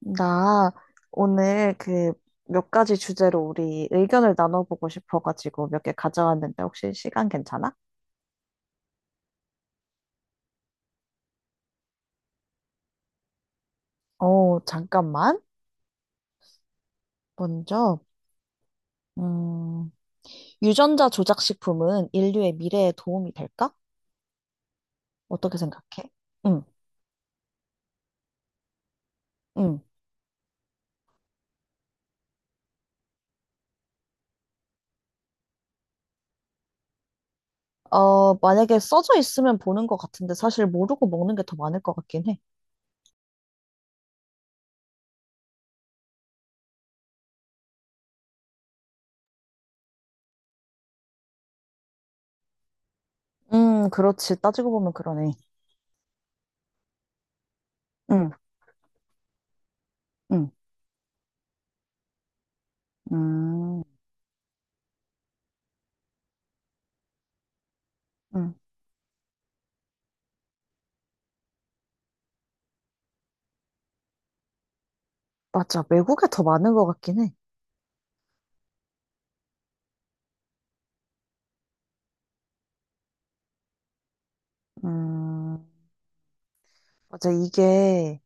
나 오늘 몇 가지 주제로 우리 의견을 나눠보고 싶어가지고 몇 개 가져왔는데 혹시 시간 괜찮아? 어, 잠깐만. 먼저, 음, 유전자 조작식품은 인류의 미래에 도움이 될까? 어떻게 생각해? 응, 응. 어, 만약에 써져 있으면 보는 것 같은데 사실 모르고 먹는 게 더 많을 것 같긴 해. 그렇지. 따지고 보면 그러네. 응, 응, 음, 응. 맞아. 외국에 더 많은 것 같긴 해. 음. 맞아, 이게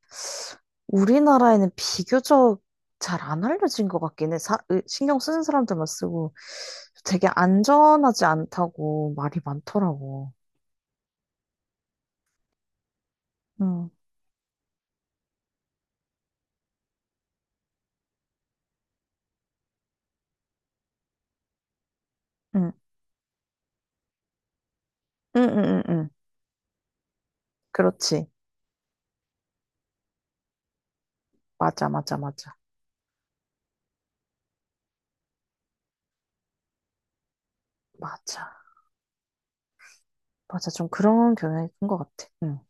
우리나라에는 비교적 잘 안 알려진 것 같긴 해. 신경 쓰는 사람들만 쓰고 되게 안전하지 않다고 말이 많더라고. 응, 응, 응, 응, 응, 응. 그렇지. 맞아, 맞아, 맞아. 맞아. 맞아. 좀 그런 경향이 큰 것 같아. 응.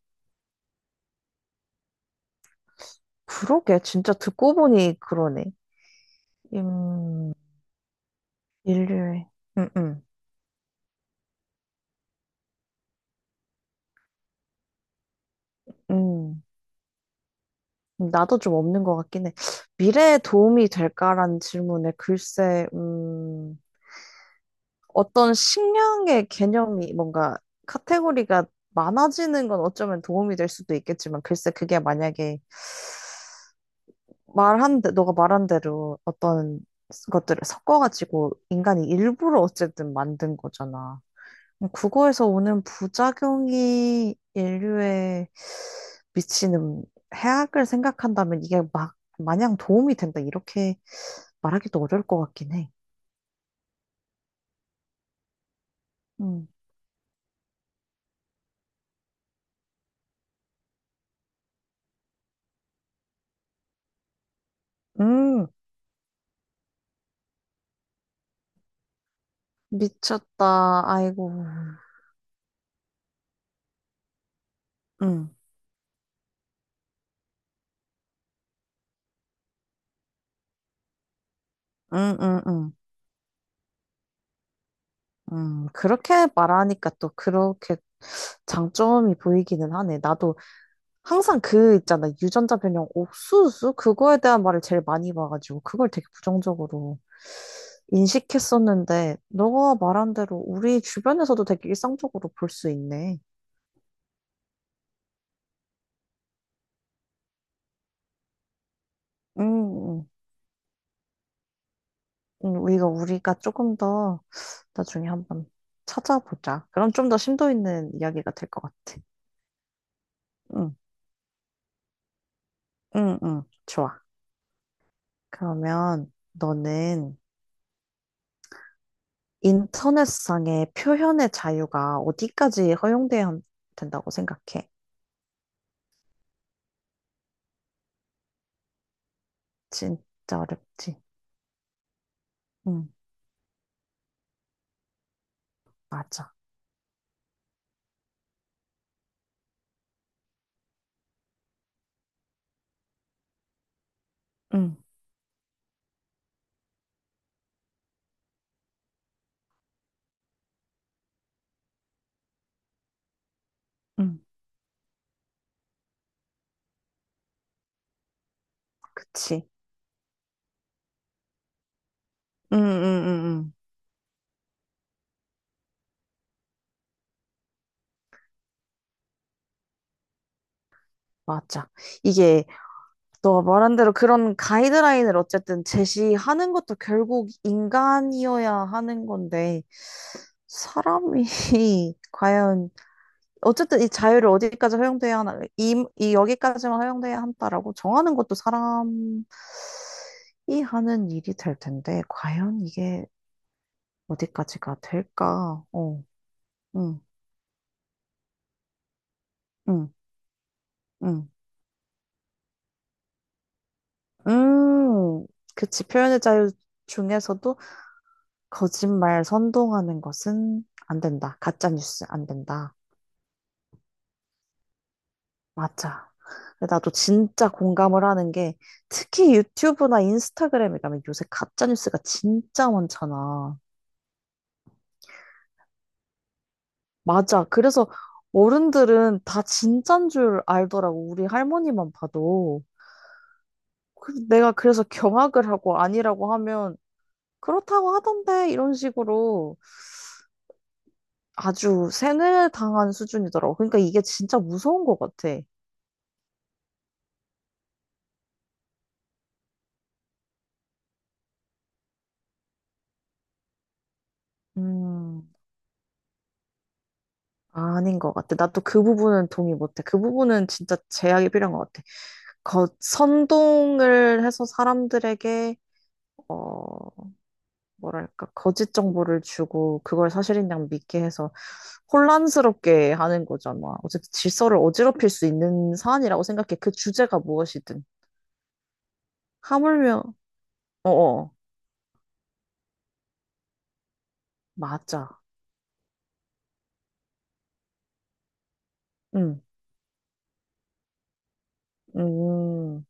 그러게. 진짜 듣고 보니 그러네. 음, 인류의. 응, 응, 응. 나도 좀 없는 것 같긴 해. 미래에 도움이 될까라는 질문에 글쎄, 어떤 식량의 개념이 뭔가 카테고리가 많아지는 건 어쩌면 도움이 될 수도 있겠지만, 글쎄, 그게 만약에 너가 말한 대로 어떤 것들을 섞어가지고 인간이 일부러 어쨌든 만든 거잖아. 그거에서 오는 부작용이 인류에 미치는 해악을 생각한다면 이게 막 마냥 도움이 된다 이렇게 말하기도 어려울 것 같긴 해. 음, 음, 미쳤다. 아이고. 음, 음, 음, 음. 그렇게 말하니까 또 그렇게 장점이 보이기는 하네. 나도 항상 그 있잖아. 유전자 변형 옥수수? 그거에 대한 말을 제일 많이 봐가지고 그걸 되게 부정적으로 인식했었는데 너가 말한 대로 우리 주변에서도 되게 일상적으로 볼 수 있네. 음, 음. 우리가 조금 더 나중에 한번 찾아보자. 그럼 좀 더 심도 있는 이야기가 될 것 같아. 응, 응, 응. 좋아. 그러면 너는 인터넷상의 표현의 자유가 어디까지 된다고 생각해? 진짜 어렵지. 응, 맞아. 응, 응, 그치. 응, 응, 응, 응. 맞아. 이게 너 말한 대로 그런 가이드라인을 어쨌든 제시하는 것도 결국 인간이어야 하는 건데, 사람이 과연 어쨌든 이 자유를 어디까지 허용돼야 하나, 이 여기까지만 허용돼야 한다라고 정하는 것도 사람이 하는 일이 될 텐데, 과연 이게 어디까지가 될까? 어, 응, 응. 음, 음, 그치. 표현의 자유 중에서도 거짓말 선동하는 것은 안 된다. 가짜 뉴스 안 된다. 맞아. 근데 나도 진짜 공감을 하는 게 특히 유튜브나 인스타그램에 가면 요새 가짜 뉴스가 진짜 많잖아. 맞아. 그래서 어른들은 다 진짠 줄 알더라고. 우리 할머니만 봐도. 내가 그래서 경악을 하고 아니라고 하면 그렇다고 하던데 이런 식으로 아주 세뇌당한 수준이더라고. 그러니까 이게 진짜 무서운 것 같아. 음, 아닌 것 같아. 나 또 그 부분은 동의 못해. 그 부분은 진짜 제약이 필요한 것 같아. 선동을 해서 사람들에게, 어, 뭐랄까, 거짓 정보를 주고, 그걸 사실인 양 믿게 해서 혼란스럽게 하는 거잖아. 어쨌든 질서를 어지럽힐 수 있는 사안이라고 생각해. 그 주제가 무엇이든. 하물며, 어어, 맞아. 응, 음.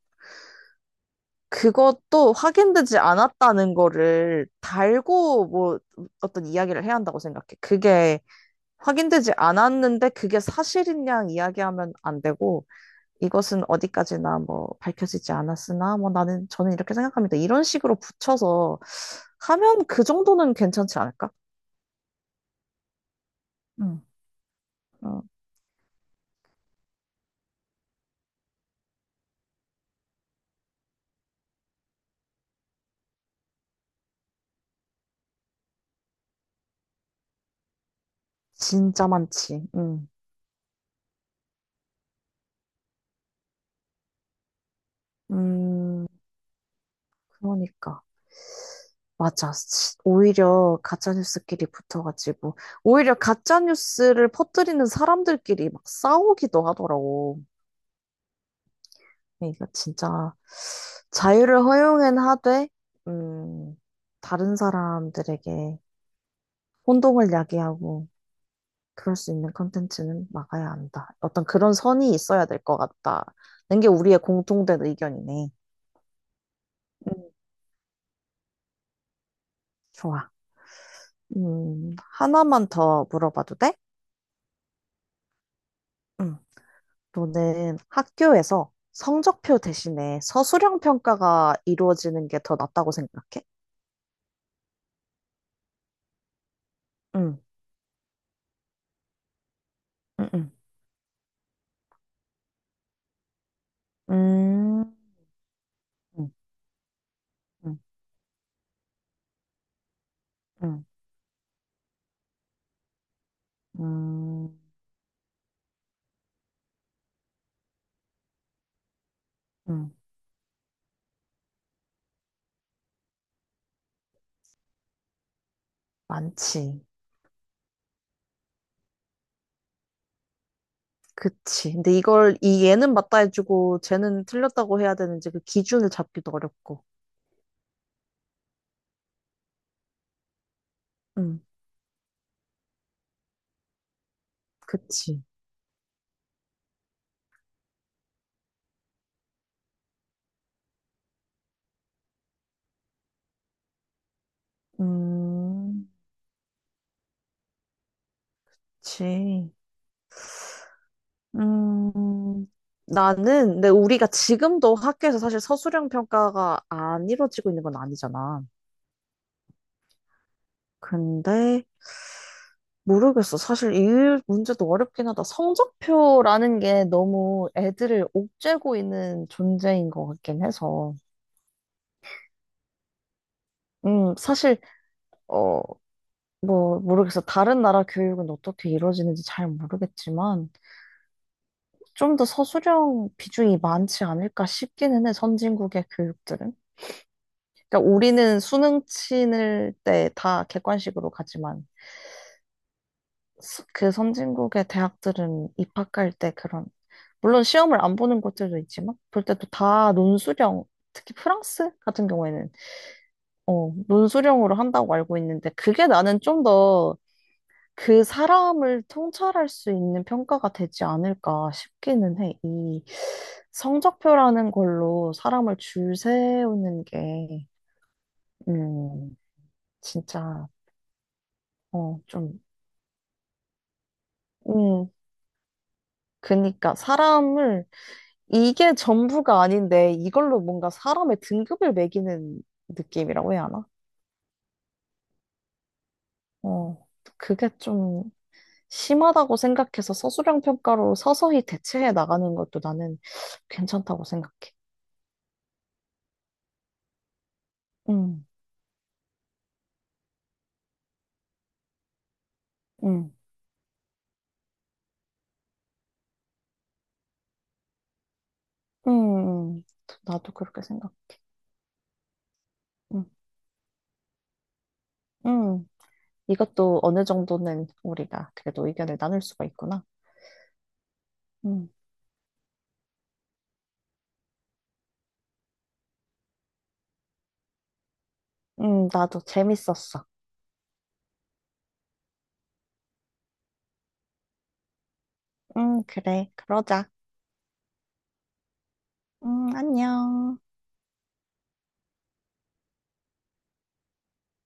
그것도 확인되지 않았다는 거를 달고 뭐 어떤 이야기를 해야 한다고 생각해. 그게 확인되지 않았는데 그게 사실인 양 이야기하면 안 되고 이것은 어디까지나 뭐 밝혀지지 않았으나 뭐 나는 저는 이렇게 생각합니다. 이런 식으로 붙여서 하면 그 정도는 괜찮지 않을까? 음. 어, 진짜 많지. 음. 음, 그러니까. 맞아. 오히려 가짜뉴스끼리 붙어가지고, 오히려 가짜뉴스를 퍼뜨리는 사람들끼리 막 싸우기도 하더라고. 이거 진짜 자유를 허용은 하되, 음, 다른 사람들에게 혼동을 야기하고, 그럴 수 있는 컨텐츠는 막아야 한다. 어떤 그런 선이 있어야 될 것 같다. 는게 우리의 공통된 의견이네. 음, 좋아. 하나만 더 물어봐도 돼? 응. 너는 학교에서 성적표 대신에 서술형 평가가 이루어지는 게 더 낫다고 생각해? 응, 응, 응, 음, 응, 응, 응, 음, 응. 많지. 그치. 근데 이걸 이 얘는 맞다 해주고 쟤는 틀렸다고 해야 되는지 그 기준을 잡기도 어렵고. 응, 그치. 음, 그치. 음, 나는 근데 우리가 지금도 학교에서 사실 서술형 평가가 안 이루어지고 있는 건 아니잖아. 근데 모르겠어. 사실 이 문제도 어렵긴 하다. 성적표라는 게 너무 애들을 옥죄고 있는 존재인 것 같긴 해서. 사실 어, 뭐 모르겠어. 다른 나라 교육은 어떻게 이루어지는지 잘 모르겠지만 좀 더 서술형 비중이 많지 않을까 싶기는 해. 선진국의 교육들은. 그러니까 우리는 수능 치는 때 다 객관식으로 가지만 그 선진국의 대학들은 입학할 때 그런 물론 시험을 안 보는 것들도 있지만 볼 때도 다 논술형 특히 프랑스 같은 경우에는 어, 논술형으로 한다고 알고 있는데 그게 나는 좀 더 그 사람을 통찰할 수 있는 평가가 되지 않을까 싶기는 해. 이 성적표라는 걸로 사람을 줄 세우는 게 음, 진짜 어, 좀 음, 그니까 사람을 이게 전부가 아닌데 이걸로 뭔가 사람의 등급을 매기는 느낌이라고 해야 하나? 어, 그게 좀 심하다고 생각해서 서술형 평가로 서서히 대체해 나가는 것도 나는 괜찮다고 생각해. 응, 응, 응, 응. 나도 그렇게 생각. 응, 응. 이것도 어느 정도는 우리가 그래도 의견을 나눌 수가 있구나. 응, 응, 나도 재밌었어. 응, 그래, 그러자. 응, 안녕.